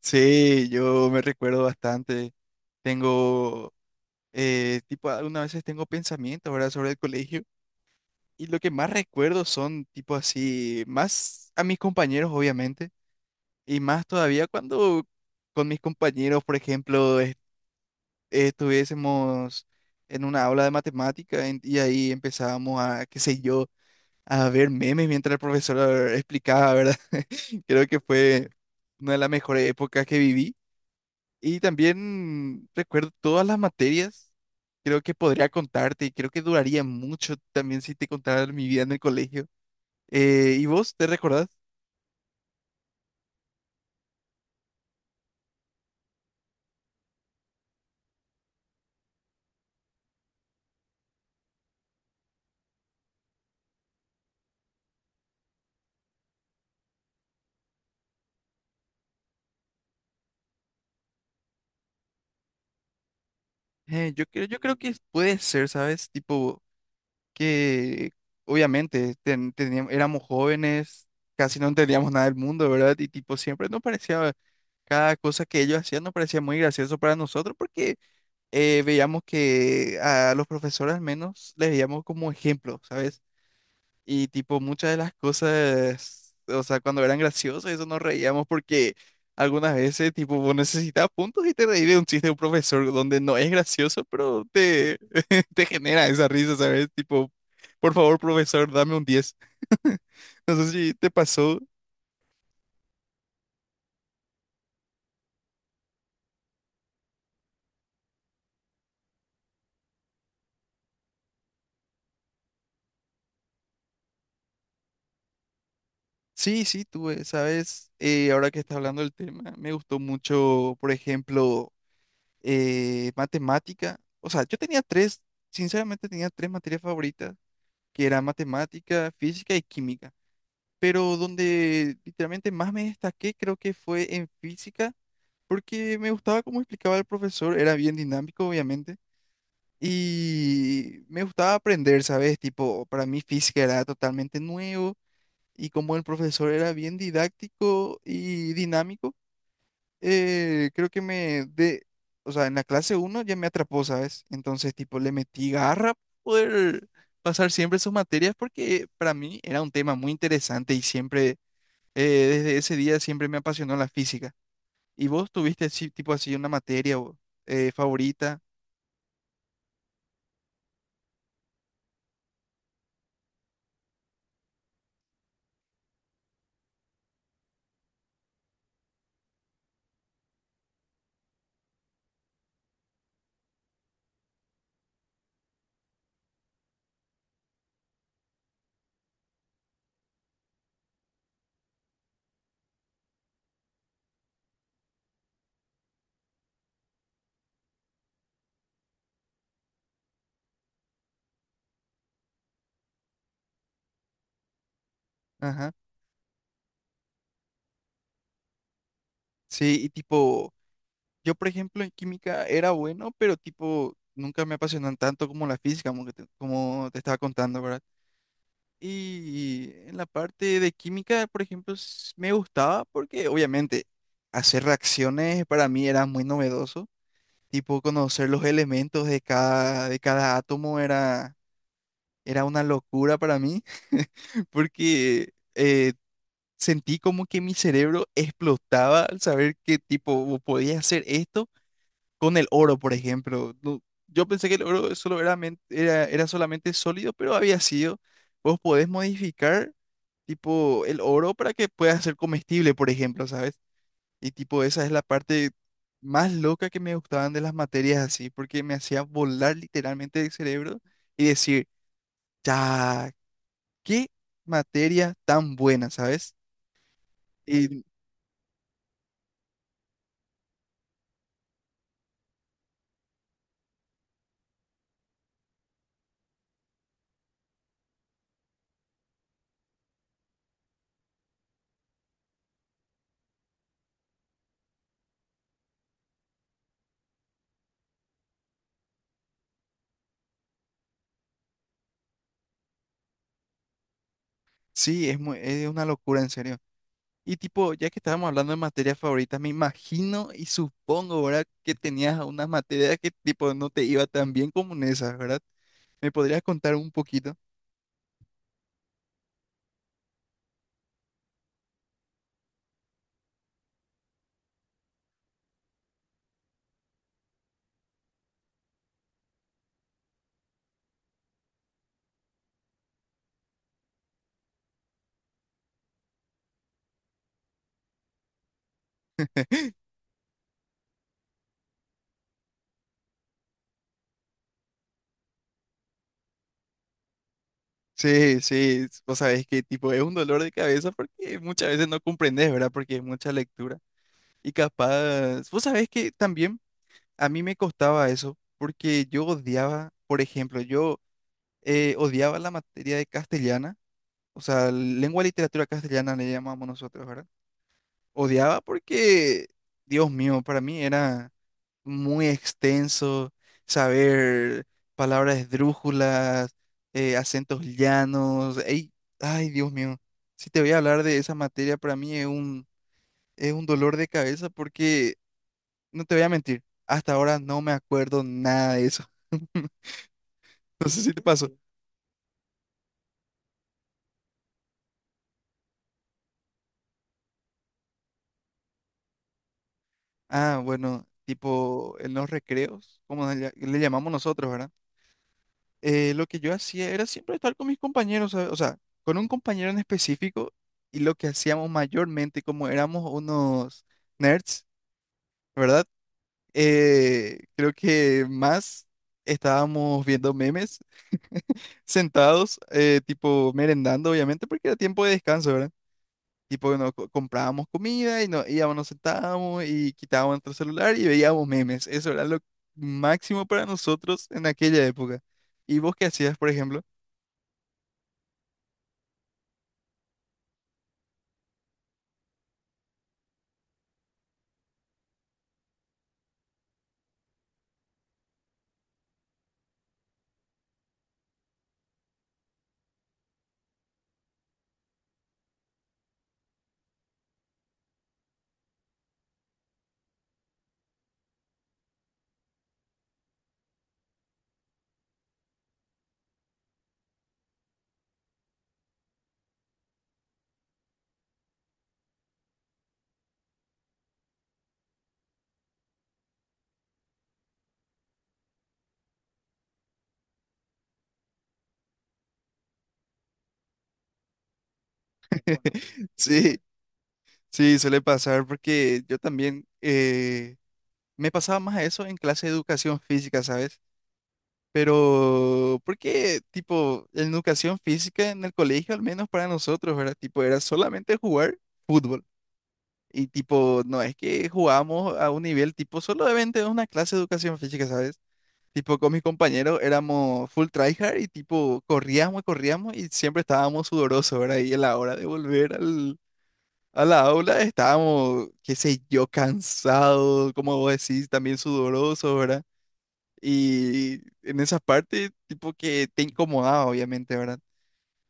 Sí, yo me recuerdo bastante. Tengo, Tipo, algunas veces tengo pensamientos, ¿verdad? Sobre el colegio. Y lo que más recuerdo son, tipo, así, más a mis compañeros, obviamente. Y más todavía cuando con mis compañeros, por ejemplo, estuviésemos en una aula de matemática y ahí empezábamos a, qué sé yo, a ver memes mientras el profesor explicaba, ¿verdad? Creo que fue una de las mejores épocas que viví. Y también recuerdo todas las materias. Creo que podría contarte y creo que duraría mucho también si te contara mi vida en el colegio. ¿Y vos te recordás? Yo creo que puede ser, ¿sabes? Tipo, que obviamente éramos jóvenes, casi no entendíamos nada del mundo, ¿verdad? Y tipo, siempre nos parecía, cada cosa que ellos hacían nos parecía muy gracioso para nosotros porque veíamos que a los profesores al menos les veíamos como ejemplo, ¿sabes? Y tipo, muchas de las cosas, o sea, cuando eran graciosas, eso nos reíamos porque algunas veces, tipo, vos necesitabas puntos y te reí de un chiste de un profesor donde no es gracioso, pero te, te genera esa risa, ¿sabes? Tipo, por favor, profesor, dame un 10. No sé si te pasó. Sí, sí, tuve, ¿sabes? Ahora que está hablando del tema, me gustó mucho, por ejemplo, matemática. O sea, sinceramente tenía tres materias favoritas, que era matemática, física y química. Pero donde literalmente más me destaqué creo que fue en física, porque me gustaba cómo explicaba el profesor, era bien dinámico, obviamente, y me gustaba aprender, ¿sabes? Tipo, para mí física era totalmente nuevo, y como el profesor era bien didáctico y dinámico, creo que o sea, en la clase uno ya me atrapó, ¿sabes? Entonces, tipo, le metí garra para poder pasar siempre sus materias porque para mí era un tema muy interesante y siempre, eh, desde ese día siempre me apasionó la física. ¿Y vos tuviste así, tipo así, una materia o, favorita? Ajá. Sí, y tipo, yo por ejemplo en química era bueno, pero tipo, nunca me apasionan tanto como la física, como, como te estaba contando, ¿verdad? Y en la parte de química, por ejemplo, me gustaba porque obviamente hacer reacciones para mí era muy novedoso. Tipo, conocer los elementos de cada, átomo era una locura para mí, porque sentí como que mi cerebro explotaba al saber que tipo podía hacer esto con el oro, por ejemplo. No, yo pensé que el oro solo era solamente sólido, pero había sido, vos podés modificar tipo el oro para que pueda ser comestible, por ejemplo, ¿sabes? Y tipo esa es la parte más loca que me gustaban de las materias así, porque me hacía volar literalmente el cerebro y decir, ya, qué materia tan buena, ¿sabes? Y sí, es es una locura, en serio. Y tipo, ya que estábamos hablando de materias favoritas, me imagino y supongo, ¿verdad? Que tenías unas materias que tipo no te iba tan bien como en esas, ¿verdad? ¿Me podrías contar un poquito? Sí, sí, vos sabés que tipo es un dolor de cabeza porque muchas veces no comprendes, ¿verdad? Porque es mucha lectura. Y capaz, vos sabés que también a mí me costaba eso porque yo odiaba, por ejemplo, yo odiaba la materia de castellana, o sea, lengua y literatura castellana le llamamos nosotros, ¿verdad? Odiaba porque, Dios mío, para mí era muy extenso, saber palabras esdrújulas, acentos llanos. Ey, ay, Dios mío, si te voy a hablar de esa materia, para mí es un dolor de cabeza porque, no te voy a mentir, hasta ahora no me acuerdo nada de eso. No sé si te pasó. Mm. Ah, bueno, tipo en los recreos, como le llamamos nosotros, ¿verdad? Lo que yo hacía era siempre estar con mis compañeros, ¿sabe? O sea, con un compañero en específico y lo que hacíamos mayormente, como éramos unos nerds, ¿verdad? Creo que más estábamos viendo memes sentados, tipo merendando, obviamente, porque era tiempo de descanso, ¿verdad? Tipo, nos comprábamos comida y nos íbamos, nos sentábamos y quitábamos nuestro celular y veíamos memes. Eso era lo máximo para nosotros en aquella época. ¿Y vos qué hacías, por ejemplo? Sí, sí, suele pasar porque yo también me pasaba más a eso en clase de educación física, ¿sabes? Pero, porque, tipo, en educación física en el colegio, al menos para nosotros, ¿verdad? Tipo, era solamente jugar fútbol. Y, tipo, no es que jugábamos a un nivel, tipo, solamente una clase de educación física, ¿sabes? Tipo, con mis compañeros éramos full tryhard y, tipo, corríamos y corríamos y siempre estábamos sudorosos, ¿verdad? Y a la hora de volver al a la aula estábamos, qué sé yo, cansados, como vos decís, también sudorosos, ¿verdad? Y en esas partes, tipo que te incomodaba, obviamente, ¿verdad?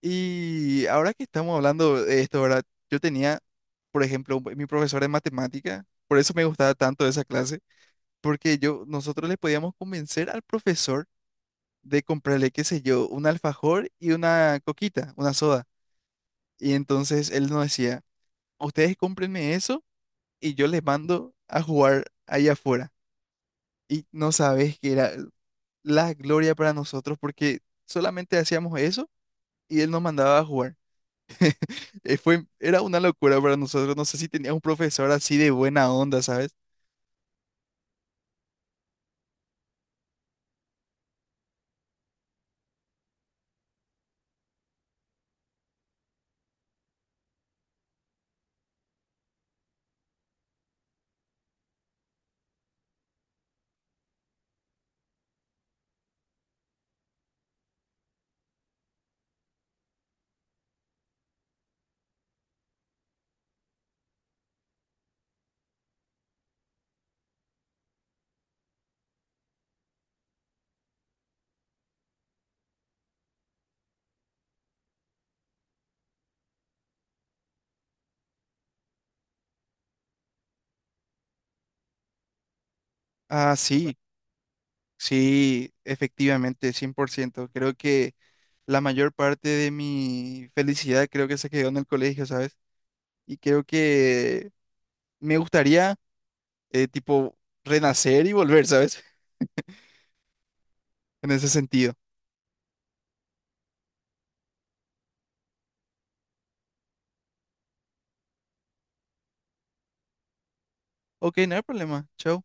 Y ahora que estamos hablando de esto, ¿verdad? Yo tenía, por ejemplo, mi profesor de matemática, por eso me gustaba tanto esa clase, porque nosotros le podíamos convencer al profesor de comprarle, qué sé yo, un alfajor y una coquita, una soda. Y entonces él nos decía, ustedes cómprenme eso y yo les mando a jugar allá afuera. Y no sabes que era la gloria para nosotros porque solamente hacíamos eso y él nos mandaba a jugar. Era una locura para nosotros. No sé si tenías un profesor así de buena onda, ¿sabes? Ah, sí, sí, efectivamente, 100%. Creo que la mayor parte de mi felicidad creo que se quedó en el colegio, ¿sabes? Y creo que me gustaría, tipo, renacer y volver, ¿sabes? En ese sentido. Ok, no hay problema. Chao.